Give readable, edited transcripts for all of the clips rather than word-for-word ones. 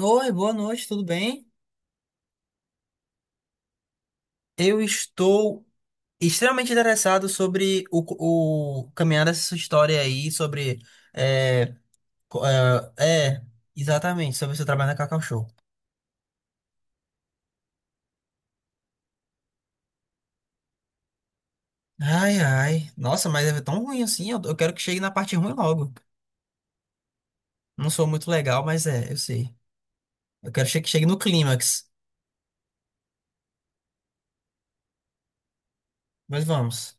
Oi, boa noite, tudo bem? Eu estou extremamente interessado sobre o caminhar dessa sua história aí, sobre. É, co- é, é, Exatamente, sobre o seu trabalho na Cacau Show. Ai, ai. Nossa, mas é tão ruim assim? Eu quero que chegue na parte ruim logo. Não sou muito legal, mas é, eu sei. Eu quero que chegue no clímax. Mas vamos.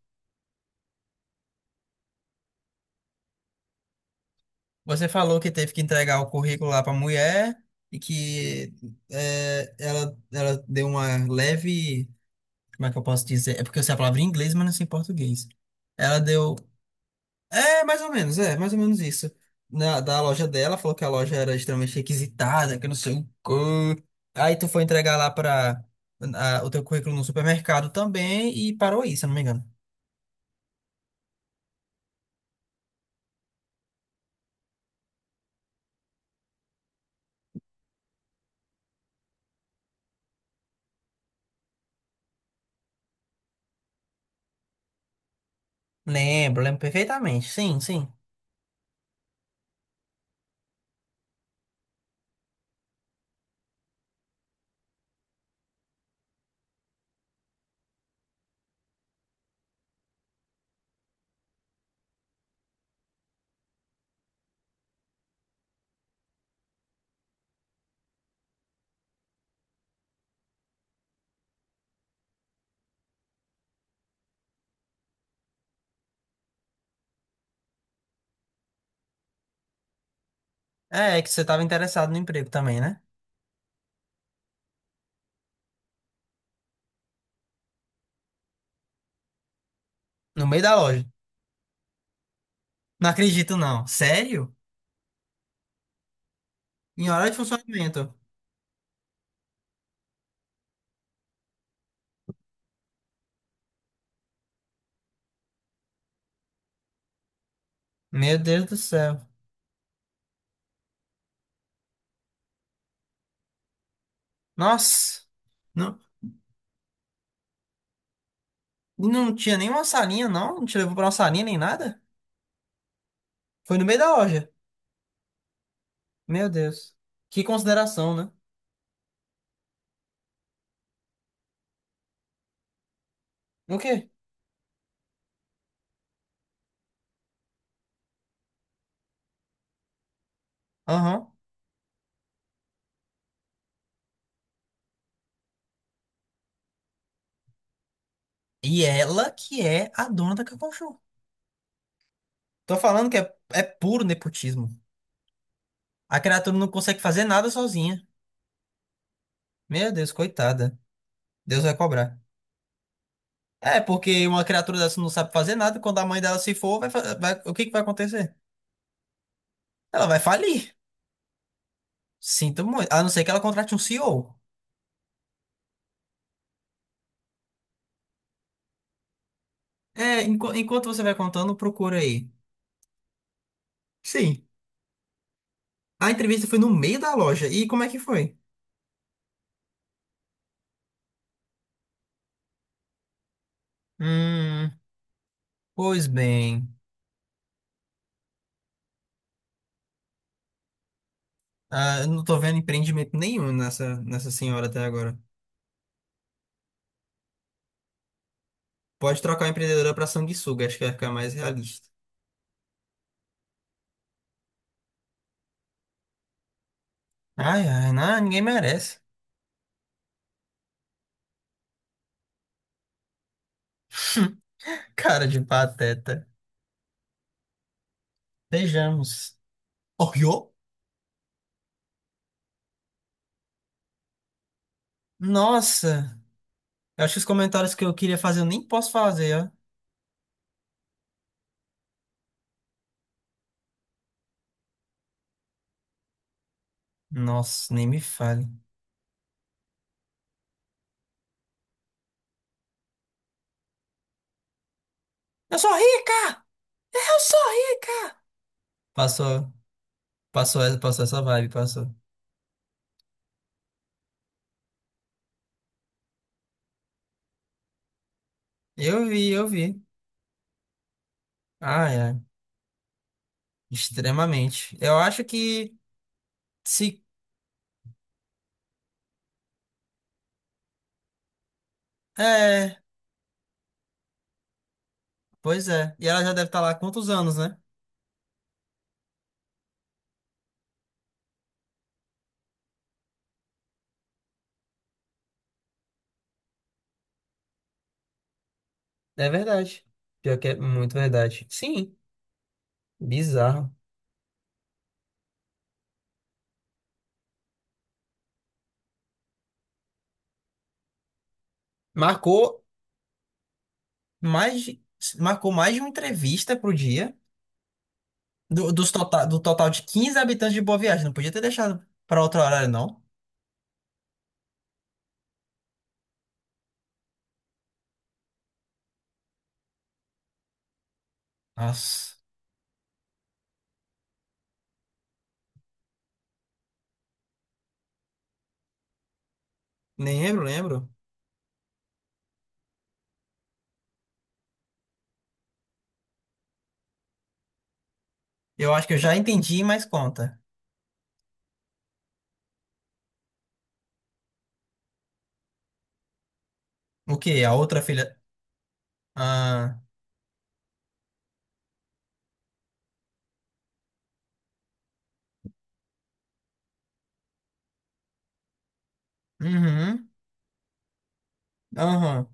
Você falou que teve que entregar o currículo lá pra mulher e que é, ela deu uma leve. Como é que eu posso dizer? É porque eu sei a palavra em inglês, mas não sei em português. Ela deu. É, mais ou menos, é, mais ou menos isso. Na, da loja dela, falou que a loja era extremamente requisitada, que não sei o quê. Aí tu foi entregar lá para o teu currículo no supermercado também e parou aí, se eu não me engano. Lembro, lembro perfeitamente. Sim, sim. É, é que você estava interessado no emprego também, né? No meio da loja. Não acredito, não. Sério? Em hora de funcionamento. Meu Deus do céu. Nossa. Não- E não tinha nenhuma salinha, não? Não te levou pra uma salinha nem nada? Foi no meio da loja. Meu Deus. Que consideração, né? O quê? Aham. E ela que é a dona da Cacau Show. Tô falando que é puro nepotismo. A criatura não consegue fazer nada sozinha. Meu Deus, coitada. Deus vai cobrar. É, porque uma criatura dessa não sabe fazer nada. Quando a mãe dela se for, vai, o que que vai acontecer? Ela vai falir. Sinto muito. A não ser que ela contrate um CEO. É, enquanto você vai contando, procura aí. Sim. A entrevista foi no meio da loja. E como é que foi? Hum, pois bem. Ah, eu não tô vendo empreendimento nenhum nessa senhora até agora. Pode trocar a empreendedora pra sanguessuga, acho que vai ficar mais realista. Ai, ai, não, ninguém merece. Cara de pateta. Beijamos. Oreo? Nossa, eu acho que os comentários que eu queria fazer eu nem posso fazer, ó. Nossa, nem me fale. Eu sou rica! Eu sou rica! Passou, passou, passou essa vibe, passou. Eu vi, eu vi. Ai, ai. Extremamente. Eu acho que se. É, pois é. E ela já deve estar lá há quantos anos, né? É verdade. Pior que é muito verdade. Sim, bizarro. Marcou mais de... Marcou mais de uma entrevista pro dia. Do total de 15 habitantes de Boa Viagem. Não podia ter deixado para outro horário, não. Nossa. Nem lembro, lembro. Eu acho que eu já entendi, mas conta. O quê? A outra filha. Ah. Uhum. Aham.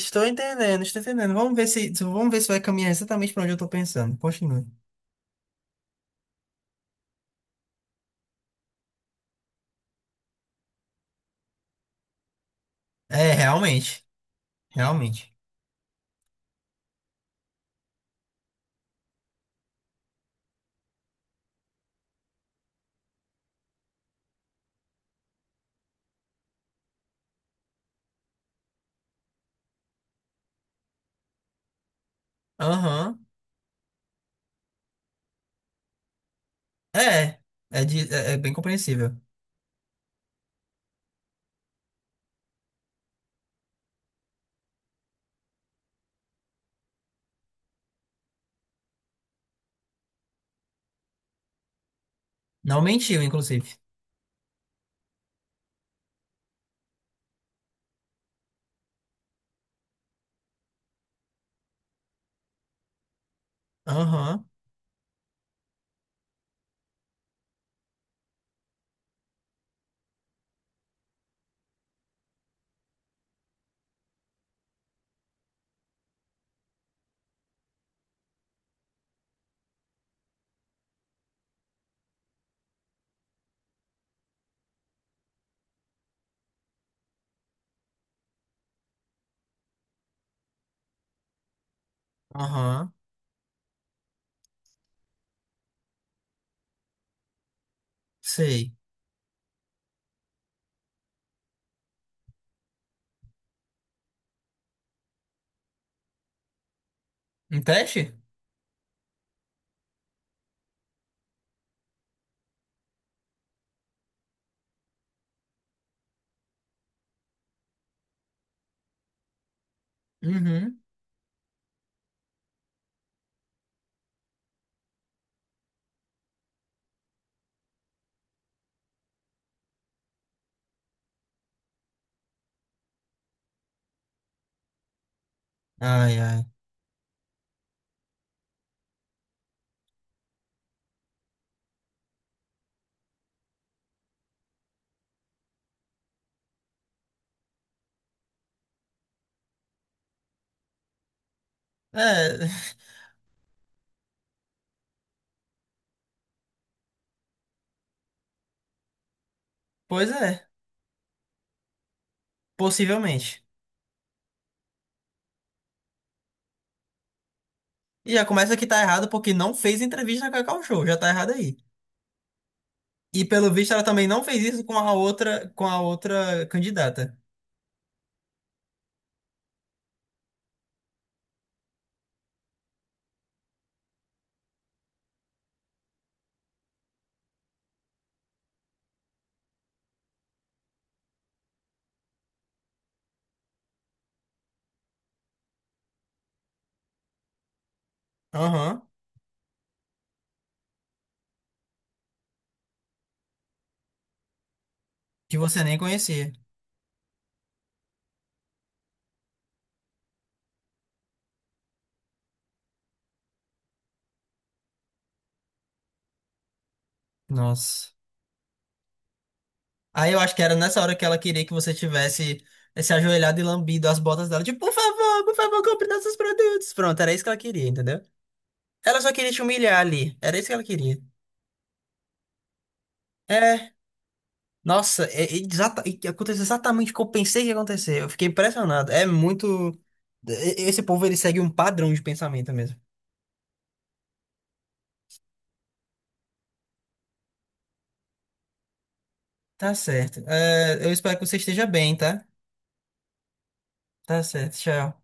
Estou entendendo, estou entendendo. Vamos ver se vai caminhar exatamente para onde eu tô pensando. Continue. É, realmente, realmente. Aham. É, é, é bem compreensível. Não mentiu, inclusive. Aham, aham. Sei. Um teste? Uhum. Ai, ai. É, pois é, possivelmente. E já começa que tá errado porque não fez entrevista com a Cacau Show, já tá errado aí. E pelo visto ela também não fez isso com a outra candidata. Aham. Que você nem conhecia. Nossa. Aí eu acho que era nessa hora que ela queria que você tivesse se ajoelhado e lambido as botas dela. Tipo, por favor, compre nossos produtos. Pronto, era isso que ela queria, entendeu? Ela só queria te humilhar ali. Era isso que ela queria. É. Nossa, e que aconteceu exatamente o que eu pensei que ia acontecer. Eu fiquei impressionado. É muito. Esse povo, ele segue um padrão de pensamento mesmo. Tá certo. É, eu espero que você esteja bem, tá? Tá certo. Tchau.